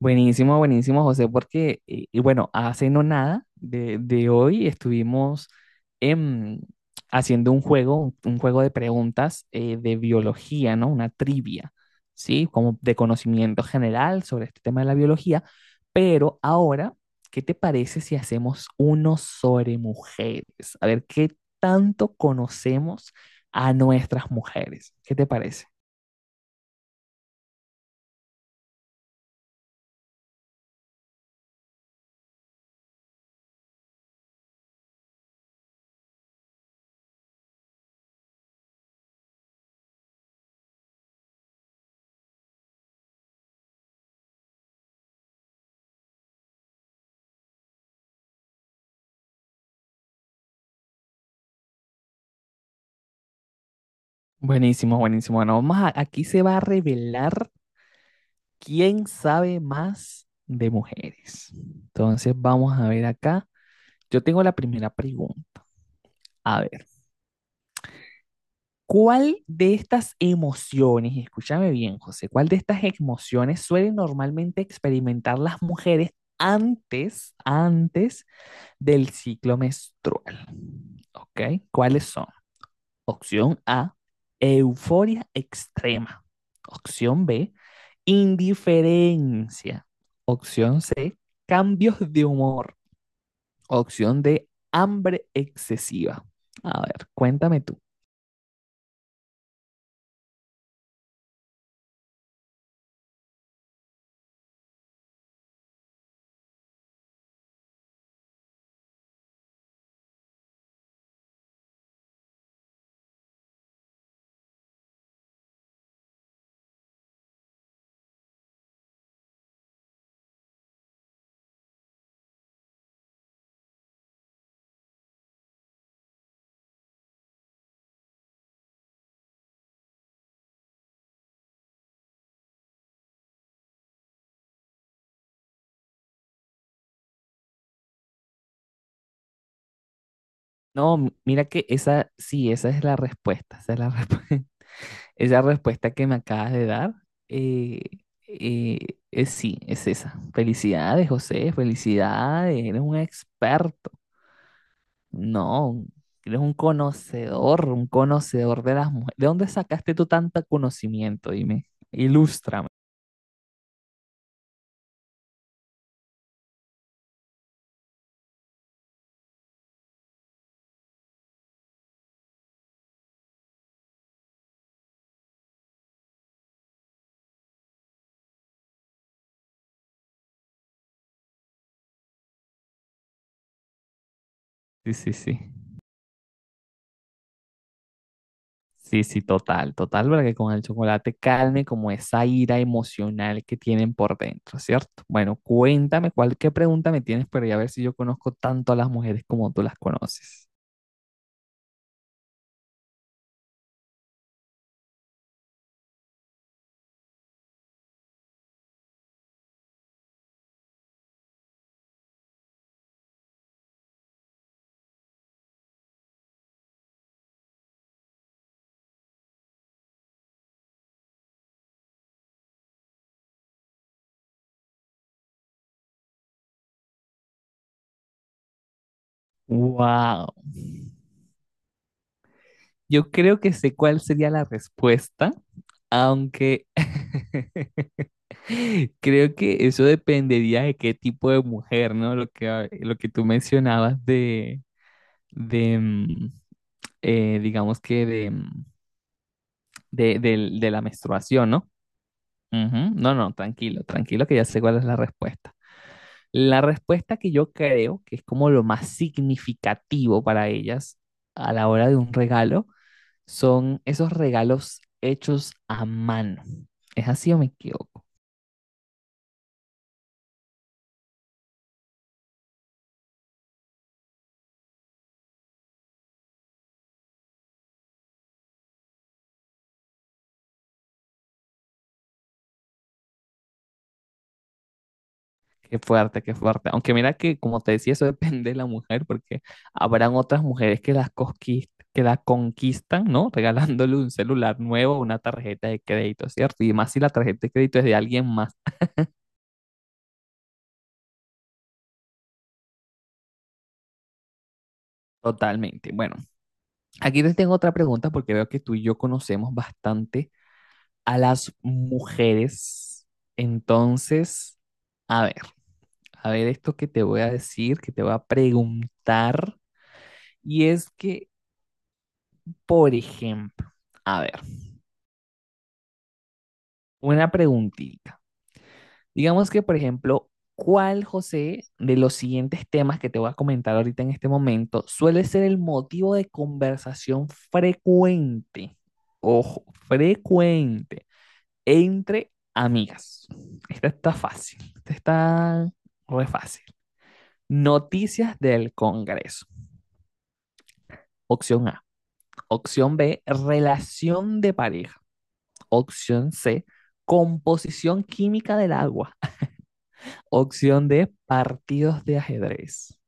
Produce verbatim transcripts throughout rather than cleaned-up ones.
Buenísimo, buenísimo, José, porque, y, y bueno, hace no nada de, de hoy estuvimos em, haciendo un juego, un, un juego de preguntas eh, de biología, ¿no? Una trivia, ¿sí? Como de conocimiento general sobre este tema de la biología. Pero ahora, ¿qué te parece si hacemos uno sobre mujeres? A ver, ¿qué tanto conocemos a nuestras mujeres? ¿Qué te parece? Buenísimo, buenísimo. Bueno, vamos a- aquí se va a revelar, ¿quién sabe más de mujeres? Entonces vamos a ver acá. Yo tengo la primera pregunta. A ver, ¿cuál de estas emociones, y escúchame bien, José, cuál de estas emociones suelen normalmente experimentar las mujeres antes, antes del ciclo menstrual? ¿Ok? ¿Cuáles son? Opción A, euforia extrema. Opción B, indiferencia. Opción C, cambios de humor. Opción D, hambre excesiva. A ver, cuéntame tú. No, mira que esa, sí, esa es la respuesta. Esa es la respu- esa respuesta que me acabas de dar. eh, eh, es sí, es esa. Felicidades, José, felicidades, eres un experto. No, eres un conocedor, un conocedor de las mujeres. ¿De dónde sacaste tú tanto conocimiento? Dime, ilústrame. Sí, sí, sí. Sí, sí, total, total, para que con el chocolate calme como esa ira emocional que tienen por dentro, ¿cierto? Bueno, cuéntame cuál, qué pregunta me tienes para a ver si yo conozco tanto a las mujeres como tú las conoces. Wow. Yo creo que sé cuál sería la respuesta, aunque creo que eso dependería de qué tipo de mujer, ¿no? Lo que, a- lo que tú mencionabas de, de mm, eh, digamos que de, mm, de, del- de la menstruación, ¿no? Ujú. No, no, tranquilo, tranquilo, que ya sé cuál es la respuesta. La respuesta que yo creo que es como lo más significativo para ellas a la hora de un regalo son esos regalos hechos a mano. ¿Es así o me equivoco? Qué fuerte, qué fuerte. Aunque mira que, como te decía, eso depende de la mujer, porque habrán otras mujeres que las cosquis- que la conquistan, ¿no? Regalándole un celular nuevo, una tarjeta de crédito, ¿cierto? Y más si la tarjeta de crédito es de alguien más, totalmente. Bueno, aquí te tengo otra pregunta porque veo que tú y yo conocemos bastante a las mujeres. Entonces, a ver, a ver esto que te voy a decir, que te voy a preguntar, y es que, por ejemplo, a ver. Una preguntita. Digamos que, por ejemplo, ¿cuál, José, de los siguientes temas que te voy a comentar ahorita en este momento suele ser el motivo de conversación frecuente? Ojo, frecuente entre amigas. Esta está fácil, esta está re fácil. Noticias del Congreso. Opción A. Opción B, relación de pareja. Opción C, composición química del agua. Opción D, partidos de ajedrez.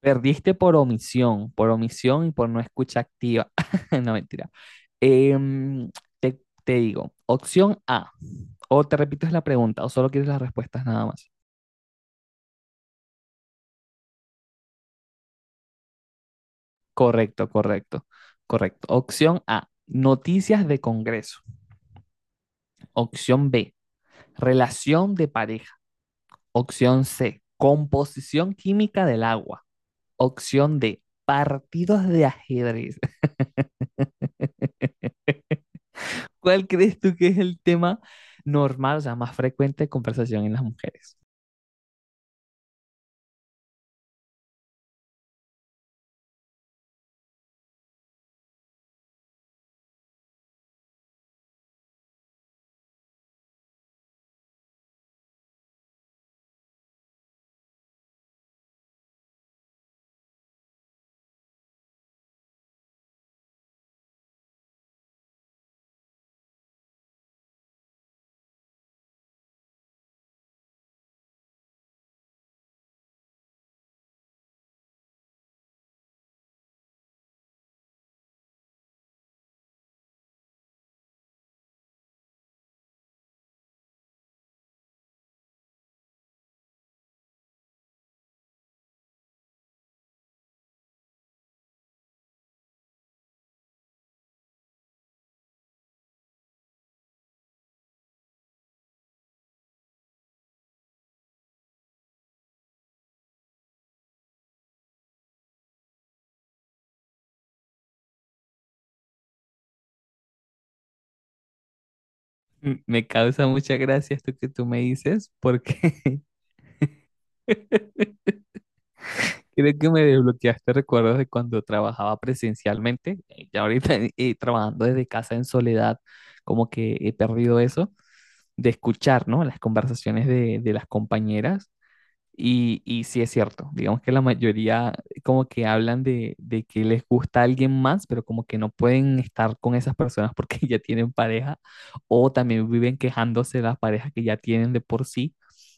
Perdiste por omisión, por omisión y por no escucha activa. No, mentira. Em, te, te digo, opción A, o te repito es la pregunta, o solo quieres las respuestas nada más. Correcto, correcto, correcto. Opción A, noticias de Congreso. Opción B, relación de pareja. Opción C, composición química del agua. Opción D, partidos de ajedrez. ¿Cuál crees tú que es el tema normal, o sea, más frecuente de conversación en las mujeres? M- Me causa mucha gracia esto que tú me dices porque creo que me desbloqueaste recuerdos de cuando trabajaba presencialmente, eh, ya ahorita eh, trabajando desde casa en soledad, como que he perdido eso de escuchar, ¿no? Las conversaciones de, de las compañeras. Y, y sí es cierto, digamos que la mayoría como que hablan de, de que les gusta alguien más, pero como que no pueden estar con esas personas porque ya tienen pareja, o también viven quejándose de las parejas que ya tienen de por sí,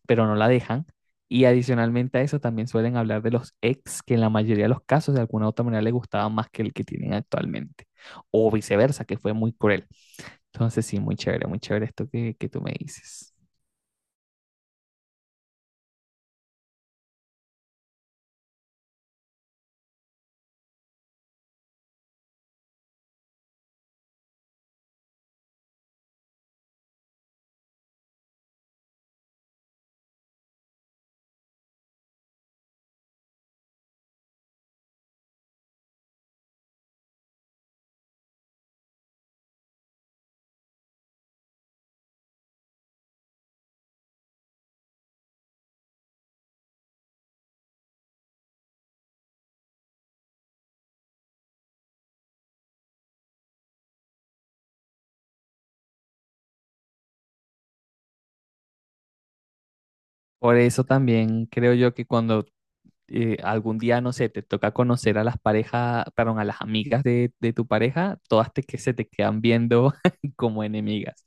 pero no la dejan. Y adicionalmente a eso también suelen hablar de los ex, que en la mayoría de los casos de alguna u otra manera les gustaba más que el que tienen actualmente, o viceversa, que fue muy cruel. Entonces sí, muy chévere, muy chévere esto que, que tú me dices. Por eso también creo yo que cuando eh, algún día, no sé, te toca conocer a las parejas, perdón, a las amigas de, de tu pareja, todas te, que se te quedan viendo como enemigas.